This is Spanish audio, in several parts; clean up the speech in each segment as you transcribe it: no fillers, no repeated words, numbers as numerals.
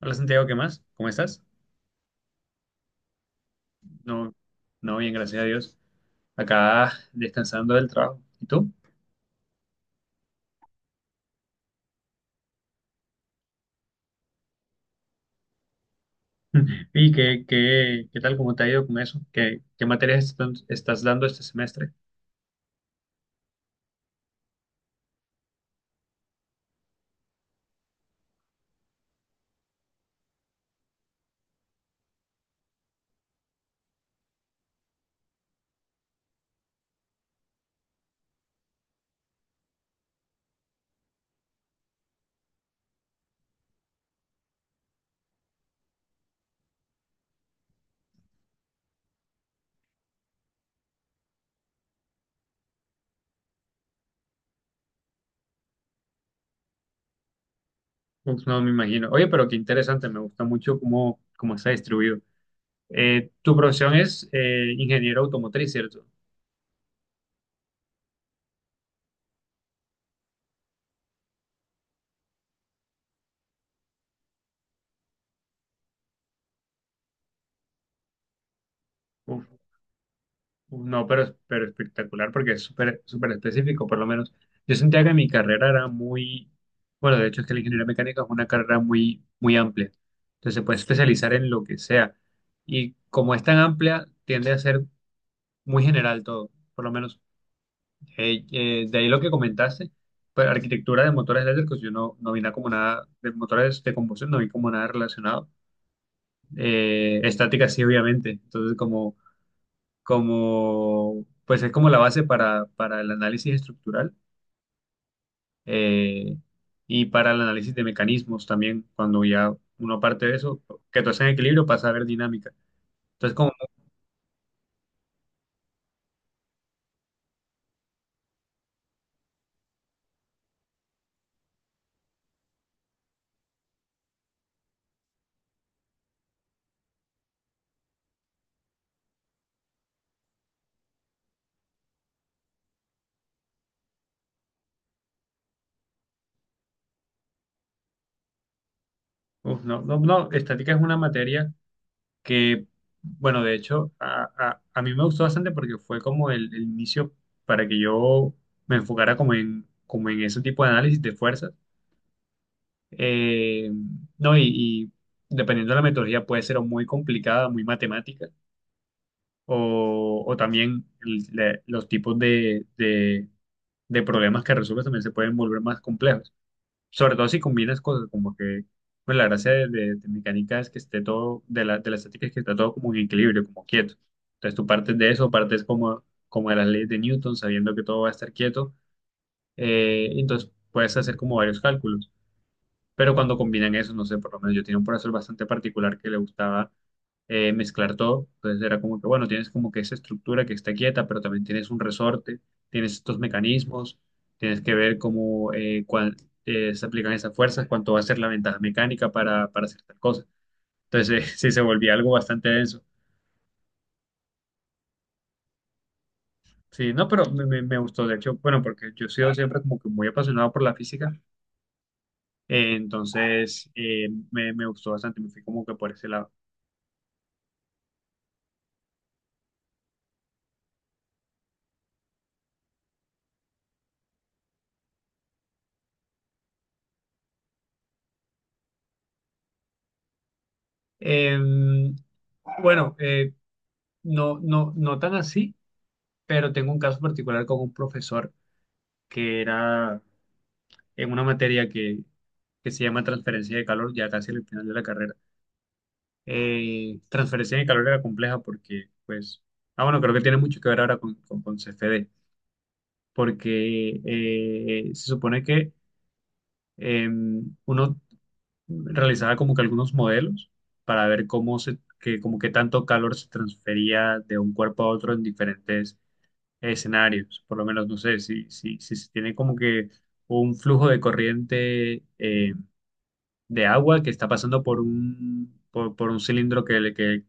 Hola Santiago, ¿qué más? ¿Cómo estás? No, no, bien, gracias a Dios. Acá descansando del trabajo. ¿Y tú? ¿Y qué tal? ¿Cómo te ha ido con eso? ¿Qué materias estás dando este semestre? Uf, no me imagino. Oye, pero qué interesante, me gusta mucho cómo está distribuido. Tu profesión es ingeniero automotriz, ¿cierto? Uf, no, pero espectacular porque es súper súper específico, por lo menos. Yo sentía que mi carrera era muy, bueno, de hecho es que la ingeniería mecánica es una carrera muy, muy amplia. Entonces se puede especializar en lo que sea. Y como es tan amplia, tiende a ser muy general todo, por lo menos. De ahí lo que comentaste, pues, arquitectura de motores eléctricos, yo no vi nada como nada, de motores de combustión, no vi como nada relacionado. Estática sí, obviamente. Entonces como, pues es como la base para el análisis estructural eh, y para el análisis de mecanismos también, cuando ya uno parte de eso, que todo está en equilibrio, pasa a ver dinámica. Entonces, como, uf, no, estática es una materia que, bueno, de hecho, a mí me gustó bastante porque fue como el inicio para que yo me enfocara como en ese tipo de análisis de fuerzas. Eh, no, y dependiendo de la metodología, puede ser o muy complicada, muy matemática o también los tipos de problemas que resuelves también se pueden volver más complejos. Sobre todo si combinas cosas, como que pues, la gracia de mecánica es que esté todo, de la estática es que está todo como en equilibrio, como quieto. Entonces tú partes de eso, partes como, como de las leyes de Newton, sabiendo que todo va a estar quieto, entonces puedes hacer como varios cálculos. Pero cuando combinan eso, no sé, por lo menos yo tenía un profesor bastante particular que le gustaba mezclar todo. Entonces era como que, bueno, tienes como que esa estructura que está quieta, pero también tienes un resorte, tienes estos mecanismos, tienes que ver cómo se aplican esas fuerzas, cuánto va a ser la ventaja mecánica para hacer tal cosa. Entonces sí se volvía algo bastante denso. Sí, no, pero me gustó, de hecho, bueno, porque yo he sido siempre como que muy apasionado por la física, me gustó bastante, me fui como que por ese lado. Eh, Bueno, no, no, no tan así, pero tengo un caso particular con un profesor que era en una materia que se llama transferencia de calor, ya casi al final de la carrera. Transferencia de calor era compleja porque, pues, ah, bueno, creo que tiene mucho que ver ahora con CFD, porque se supone que eh, uno realizaba como que algunos modelos para ver cómo como que tanto calor se transfería de un cuerpo a otro en diferentes escenarios, por lo menos, no sé, si se tiene como que un flujo de corriente de agua que está pasando por por un cilindro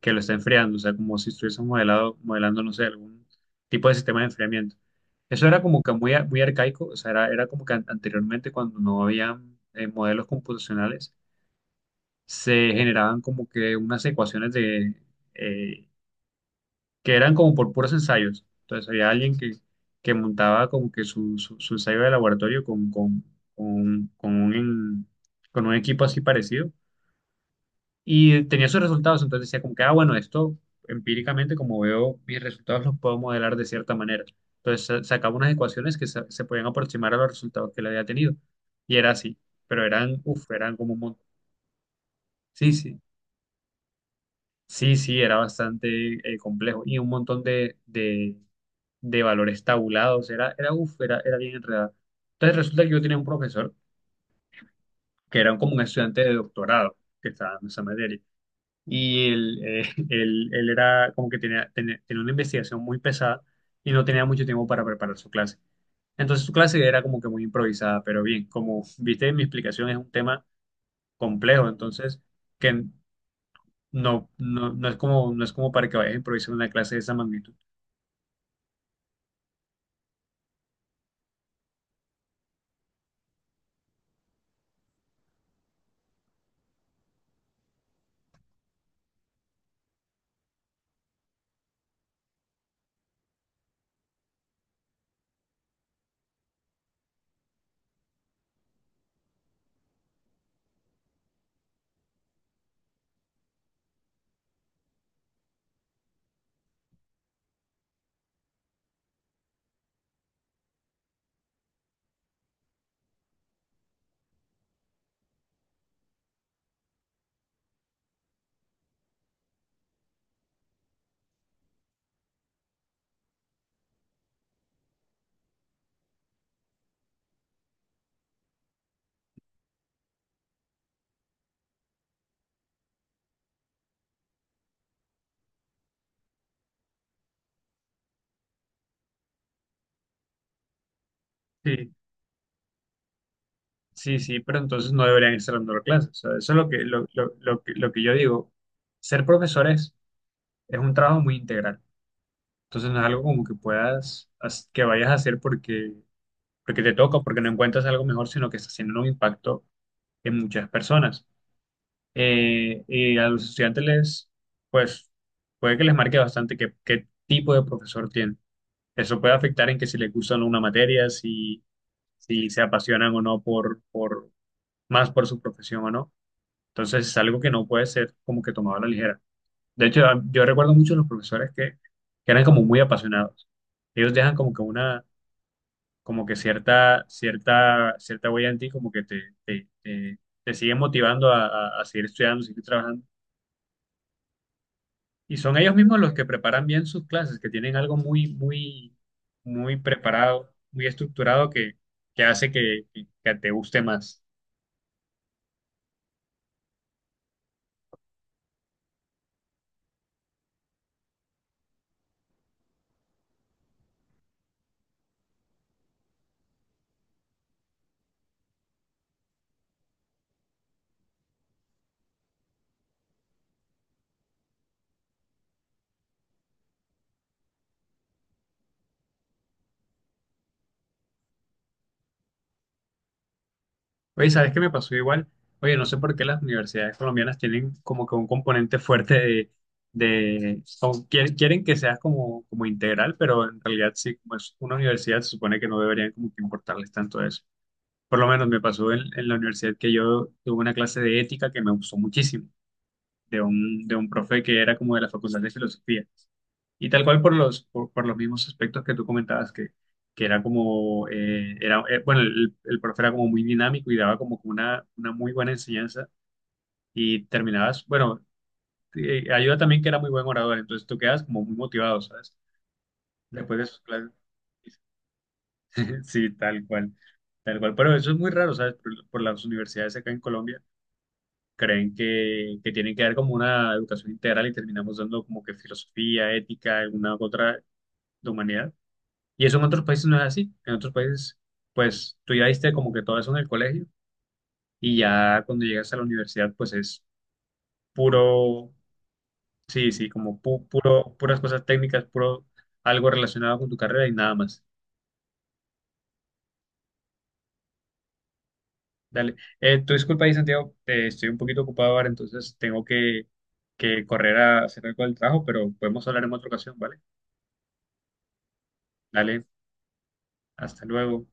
que lo está enfriando, o sea, como si estuviésemos modelando, no sé, algún tipo de sistema de enfriamiento. Eso era como que muy, muy arcaico, o sea, era como que anteriormente cuando no había modelos computacionales, se generaban como que unas ecuaciones de... eh, que eran como por puros ensayos. Entonces había alguien que montaba como que su ensayo de laboratorio con, un, con un con un equipo así parecido y tenía sus resultados. Entonces decía como que, ah, bueno, esto empíricamente, como veo mis resultados, los puedo modelar de cierta manera. Entonces sacaba unas ecuaciones que se podían aproximar a los resultados que le había tenido. Y era así, pero eran, uff, eran como un montón. Sí, sí. Sí, sí, era bastante complejo y un montón de valores tabulados, uf, era bien enredada. Entonces resulta que yo tenía un profesor que era como un estudiante de doctorado que estaba dando esa materia. Y él, él era como que tenía una investigación muy pesada y no tenía mucho tiempo para preparar su clase. Entonces su clase era como que muy improvisada, pero bien, como viste, mi explicación es un tema complejo, entonces que no es como, no es como para que vayas a improvisar una clase de esa magnitud. Sí. Sí, sí, pero entonces no deberían estar dando clases. O sea, eso es lo que, lo que yo digo. Ser profesores es un trabajo muy integral. Entonces no es algo como que puedas, que vayas a hacer porque, porque te toca, porque no encuentras algo mejor, sino que está haciendo un impacto en muchas personas. Y a los estudiantes les, pues, puede que les marque bastante qué tipo de profesor tienen. Eso puede afectar en que si les gusta o no una materia, si, si se apasionan o no más por su profesión o no. Entonces es algo que no puede ser como que tomado a la ligera. De hecho, yo recuerdo mucho los profesores que eran como muy apasionados. Ellos dejan como que una, como que cierta huella en ti, como que te siguen motivando a, a seguir estudiando, seguir trabajando. Y son ellos mismos los que preparan bien sus clases, que tienen algo muy preparado, muy estructurado que hace que, que te guste más. Oye, ¿sabes qué me pasó igual? Oye, no sé por qué las universidades colombianas tienen como que un componente fuerte de o quieren, quieren que seas como, como integral, pero en realidad sí, como es una universidad, se supone que no deberían como que importarles tanto eso. Por lo menos me pasó en la universidad que yo tuve una clase de ética que me gustó muchísimo de de un profe que era como de la Facultad de Filosofía. Y tal cual por los, por los mismos aspectos que tú comentabas, que era como, era, bueno, el profe era como muy dinámico y daba como que una muy buena enseñanza y terminabas, bueno, ayuda también que era muy buen orador, entonces tú quedas como muy motivado, ¿sabes? Después de sus clases. Sí, tal cual, tal cual. Pero eso es muy raro, ¿sabes? Por las universidades acá en Colombia creen que tiene que dar como una educación integral y terminamos dando como que filosofía, ética, alguna otra de humanidad. Y eso en otros países no es así. En otros países, pues tú ya diste como que todo eso en el colegio y ya cuando llegas a la universidad, pues es puro, sí, sí, como puro, puras cosas técnicas, puro algo relacionado con tu carrera y nada más. Dale. Tú disculpa ahí, Santiago, estoy un poquito ocupado ahora, entonces tengo que correr a hacer algo del trabajo, pero podemos hablar en otra ocasión, ¿vale? Dale. Hasta luego.